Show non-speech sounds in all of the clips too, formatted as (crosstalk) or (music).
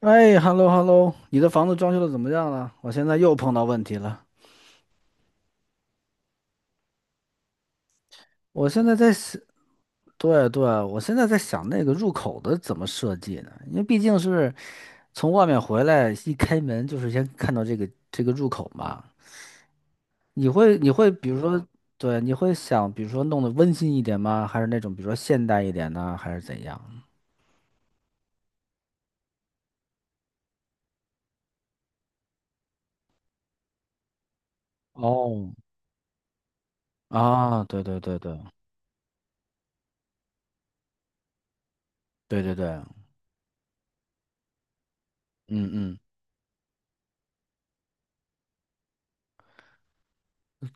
哎，hello hello,你的房子装修的怎么样了？我现在又碰到问题了。我现在在想，对啊对啊，我现在在想那个入口的怎么设计呢？因为毕竟是从外面回来，一开门就是先看到这个入口嘛。你会比如说，对，你会想，比如说弄得温馨一点吗？还是那种比如说现代一点呢？还是怎样？哦，啊，对对对对对对对，嗯嗯，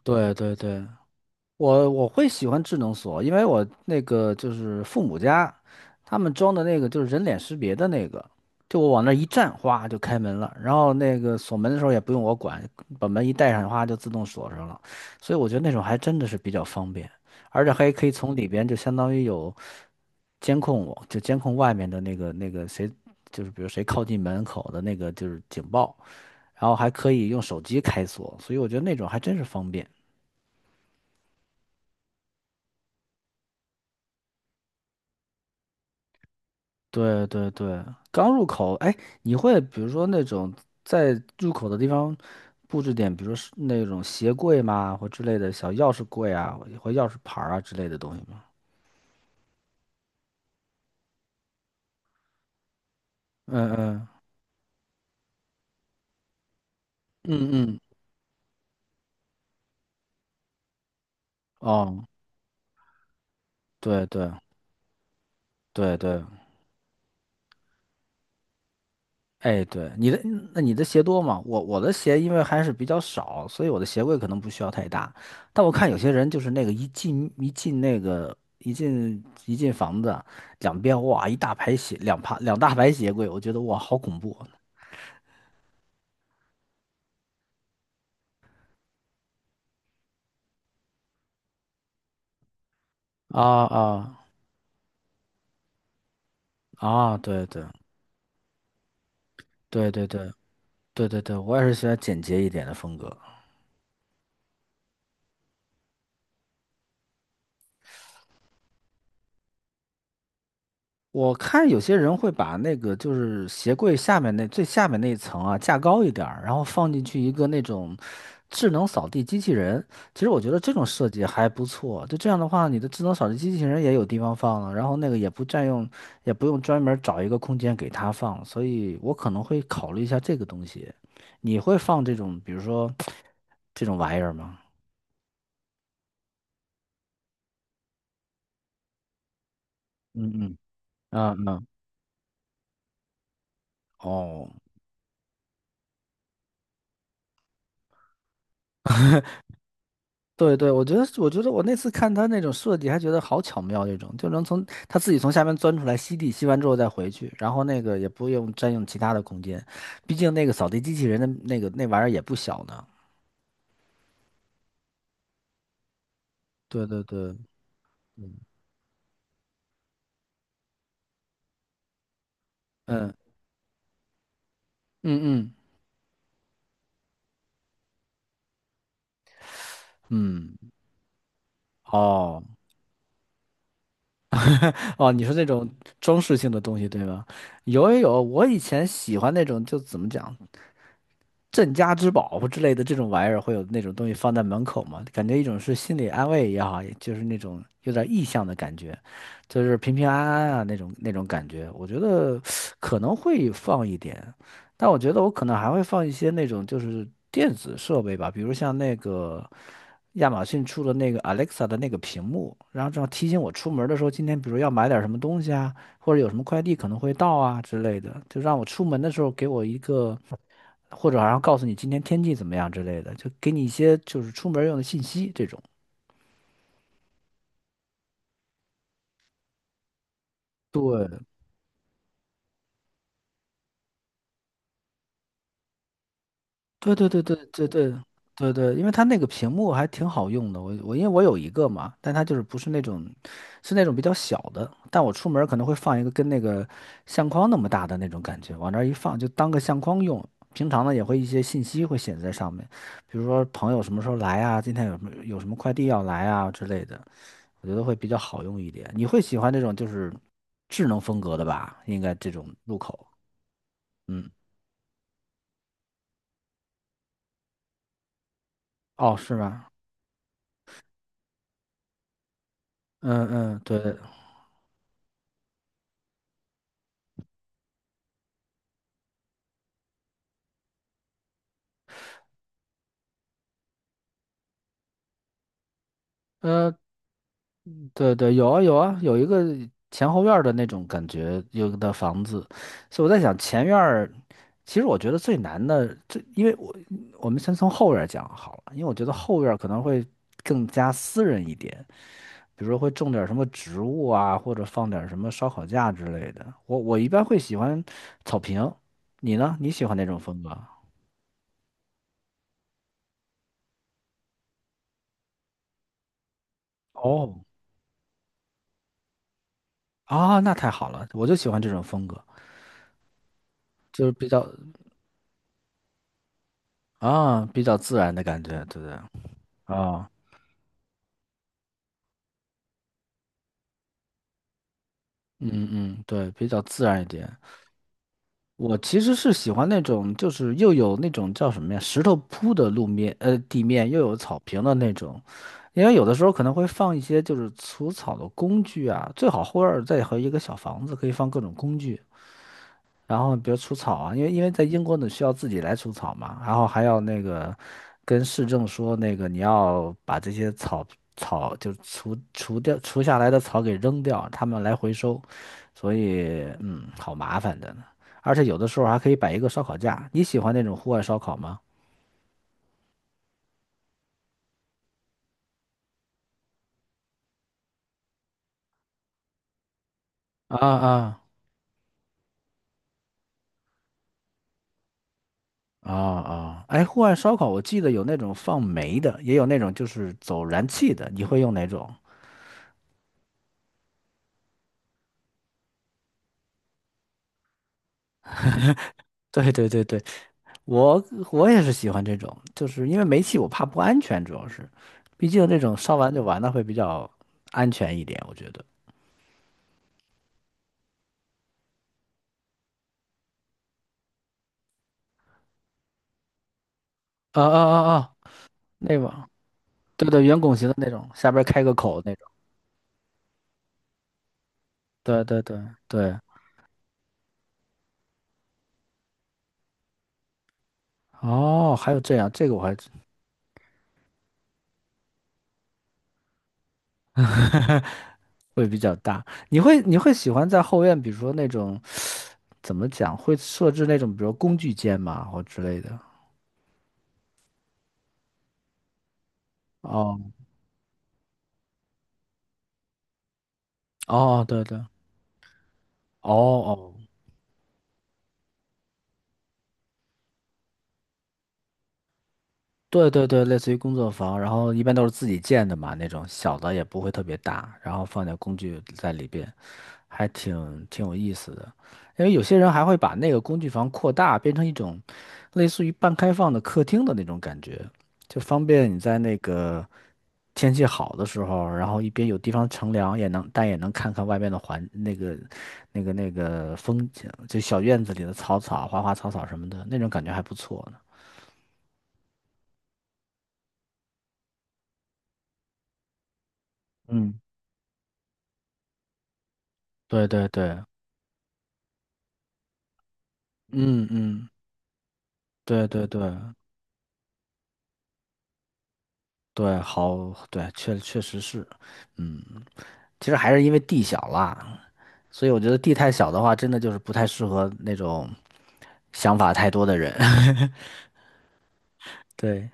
对对对。我会喜欢智能锁，因为我那个就是父母家，他们装的那个就是人脸识别的那个，就我往那一站，哗就开门了。然后那个锁门的时候也不用我管，把门一带上，哗就自动锁上了。所以我觉得那种还真的是比较方便，而且还可以从里边就相当于有监控我，就监控外面的那个谁，就是比如谁靠近门口的那个就是警报，然后还可以用手机开锁，所以我觉得那种还真是方便。对对对，刚入口，哎，你会比如说那种在入口的地方布置点，比如说是那种鞋柜嘛，或之类的小钥匙柜啊，或钥匙牌儿啊之类的东西吗？嗯嗯嗯嗯，哦，对对对对，哎，对，你的，那你的鞋多吗？我的鞋因为还是比较少，所以我的鞋柜可能不需要太大。但我看有些人就是那个一进一进那个一进一进房子，两边哇一大排鞋，两排两大排鞋柜，我觉得哇好恐怖啊啊啊！啊对对对对对对对对，我也是喜欢简洁一点的风格。我看有些人会把那个就是鞋柜下面那最下面那一层啊架高一点儿，然后放进去一个那种智能扫地机器人。其实我觉得这种设计还不错，就这样的话，你的智能扫地机器人也有地方放了，然后那个也不占用，也不用专门儿找一个空间给它放，所以我可能会考虑一下这个东西。你会放这种，比如说这种玩意儿吗？嗯嗯嗯嗯，哦。对对，我觉得，我觉得我那次看他那种设计，还觉得好巧妙，这种就能从他自己从下面钻出来吸地，吸完之后再回去，然后那个也不用占用其他的空间，毕竟那个扫地机器人的那个那玩意儿也不小呢。对对对，嗯嗯嗯嗯嗯，哦哦，你说那种装饰性的东西对吧？有有有，我以前喜欢那种，就怎么讲？镇家之宝或之类的这种玩意儿，会有那种东西放在门口吗？感觉一种是心理安慰也好，也就是那种有点意向的感觉，就是平平安安啊那种感觉。我觉得可能会放一点，但我觉得我可能还会放一些那种就是电子设备吧，比如像那个亚马逊出的那个 Alexa 的那个屏幕，然后这样提醒我出门的时候，今天比如要买点什么东西啊，或者有什么快递可能会到啊之类的，就让我出门的时候给我一个。或者好像告诉你今天天气怎么样之类的，就给你一些就是出门用的信息这种。对，对对对对对对对对，因为它那个屏幕还挺好用的，我因为我有一个嘛，但它就是不是那种，是那种比较小的，但我出门儿可能会放一个跟那个相框那么大的那种感觉，往那儿一放就当个相框用。平常呢也会一些信息会写在上面，比如说朋友什么时候来啊，今天有什么快递要来啊之类的，我觉得会比较好用一点。你会喜欢这种就是智能风格的吧？应该这种入口，嗯，哦，是吧？嗯嗯，对。呃，对对，有啊有啊，有一个前后院儿的那种感觉，有的房子，所以我在想前院儿，其实我觉得最难的，最因为我我们先从后院儿讲好了，因为我觉得后院儿可能会更加私人一点，比如说会种点儿什么植物啊，或者放点儿什么烧烤架之类的。我一般会喜欢草坪，你呢？你喜欢哪种风格？哦，啊，那太好了，我就喜欢这种风格，就是比较啊比较自然的感觉，对不对？啊。嗯嗯，对，比较自然一点。我其实是喜欢那种，就是又有那种叫什么呀，石头铺的路面，地面又有草坪的那种。因为有的时候可能会放一些就是除草的工具啊，最好后院儿再和一个小房子，可以放各种工具。然后比如除草啊，因为在英国你需要自己来除草嘛，然后还要那个跟市政说那个你要把这些草草就除除掉除下来的草给扔掉，他们来回收，所以嗯，好麻烦的呢。而且有的时候还可以摆一个烧烤架，你喜欢那种户外烧烤吗？啊啊啊啊！哎，户外烧烤我记得有那种放煤的，也有那种就是走燃气的，你会用哪种？对对对对，我我也是喜欢这种，就是因为煤气我怕不安全，主要是，毕竟这种烧完就完了会比较安全一点，我觉得。啊啊啊啊，那个，对对，圆拱形的那种，下边开个口那种。对对对对，哦，还有这样，这个我还真 (laughs) 会比较大。你会喜欢在后院，比如说那种怎么讲，会设置那种，比如工具间嘛，或之类的。哦哦，对对，哦哦，对对对，类似于工作房，然后一般都是自己建的嘛，那种小的也不会特别大，然后放点工具在里边，还挺有意思的。因为有些人还会把那个工具房扩大，变成一种类似于半开放的客厅的那种感觉，就方便你在那个天气好的时候，然后一边有地方乘凉，也能但也能看看外面的环那个那个风景，就小院子里的草草、花花草草什么的，那种感觉还不错呢。嗯，对对对，嗯嗯，对对对对，好，对，确确实是，嗯，其实还是因为地小啦，所以我觉得地太小的话，真的就是不太适合那种想法太多的人。(laughs) 对，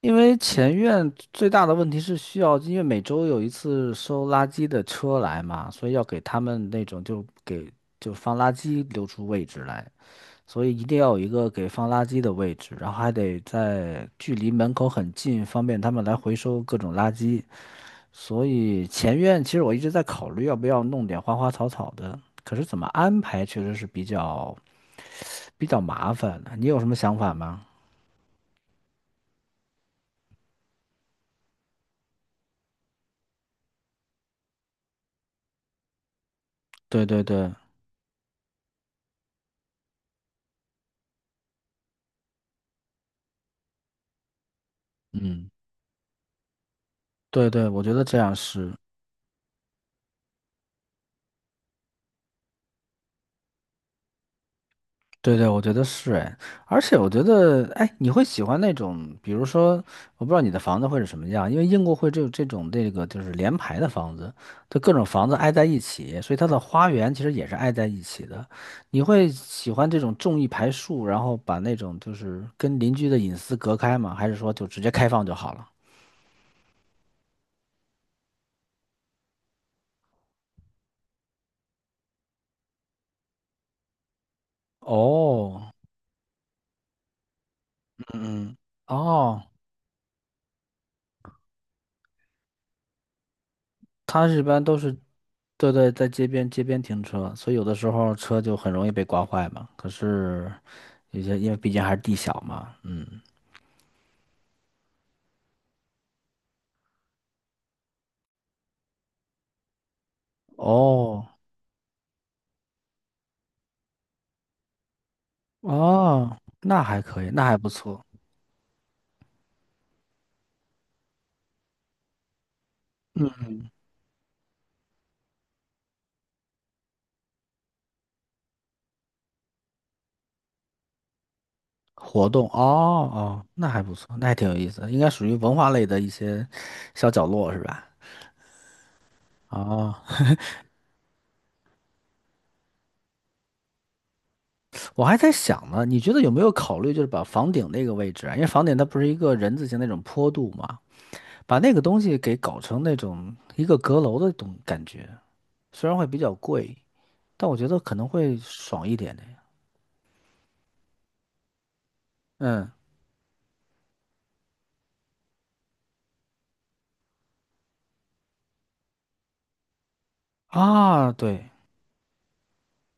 因为前院最大的问题是需要，因为每周有一次收垃圾的车来嘛，所以要给他们那种就给就放垃圾留出位置来。所以一定要有一个给放垃圾的位置，然后还得在距离门口很近，方便他们来回收各种垃圾。所以前院其实我一直在考虑要不要弄点花花草草的，可是怎么安排确实是比较麻烦的你有什么想法吗？对对对，嗯，对对，我觉得这样是。对对，我觉得是哎，而且我觉得哎，你会喜欢那种，比如说，我不知道你的房子会是什么样，因为英国会这种就是连排的房子，就各种房子挨在一起，所以它的花园其实也是挨在一起的。你会喜欢这种种一排树，然后把那种就是跟邻居的隐私隔开吗？还是说就直接开放就好了？哦，嗯嗯，哦。它一般都是，对对，在街边停车，所以有的时候车就很容易被刮坏嘛。可是有些因为毕竟还是地小嘛，嗯，哦哦，那还可以，那还不错。活动哦哦，那还不错，那还挺有意思的应该属于文化类的一些小角落是吧？哦，我还在想呢，你觉得有没有考虑就是把房顶那个位置啊，因为房顶它不是一个人字形那种坡度嘛，把那个东西给搞成那种一个阁楼的东感觉。虽然会比较贵，但我觉得可能会爽一点的呀。嗯啊，对，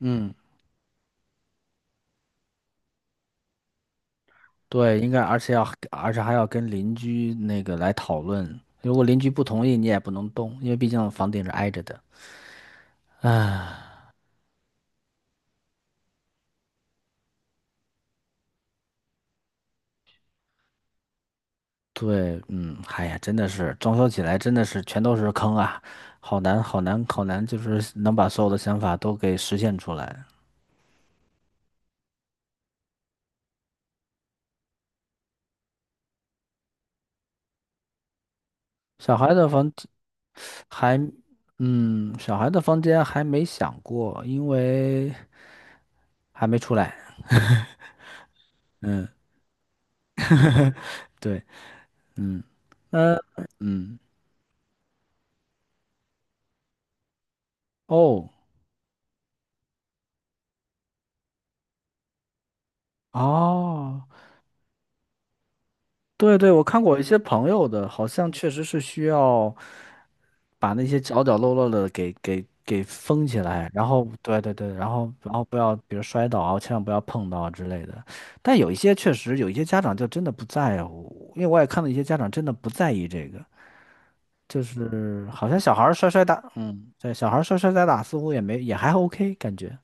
嗯对，应该而且要而且还要跟邻居那个来讨论，如果邻居不同意，你也不能动，因为毕竟房顶是挨着的。对，嗯，哎呀，真的是装修起来真的是全都是坑啊，好难好难好难，就是能把所有的想法都给实现出来。小孩的房还，嗯，小孩的房间还没想过，因为还没出来。嗯。(laughs) 对，嗯，呃，嗯，哦，哦，对对，我看过一些朋友的，好像确实是需要把那些角角落落的给封起来，然后对对对，然后不要，比如摔倒啊，千万不要碰到啊之类的。但有一些确实有一些家长就真的不在乎，因为我也看到一些家长真的不在意这个，就是好像小孩儿摔摔打，嗯，对，小孩儿摔摔打打似乎也没也还 OK 感觉，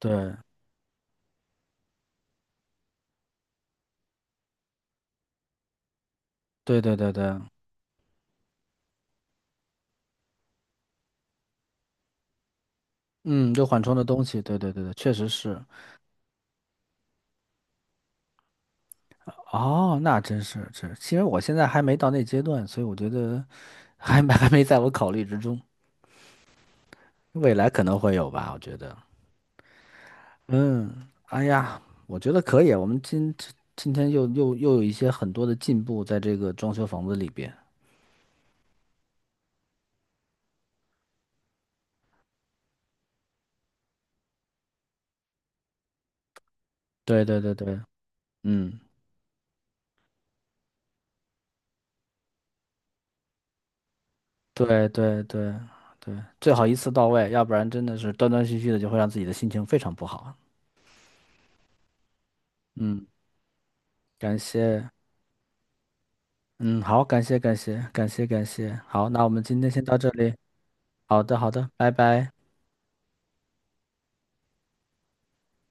对对对对对。嗯，就缓冲的东西，对对对对，确实是。哦，那真是是，其实我现在还没到那阶段，所以我觉得还没 (laughs) 还没在我考虑之中，未来可能会有吧，我觉得。嗯，哎呀，我觉得可以啊，我们今今天又有一些很多的进步在这个装修房子里边。对对对对，嗯，对对对对，最好一次到位，要不然真的是断断续续的，就会让自己的心情非常不好啊。嗯，感谢。嗯，好，感谢感谢感谢感谢，好，那我们今天先到这里。好的好的，拜拜。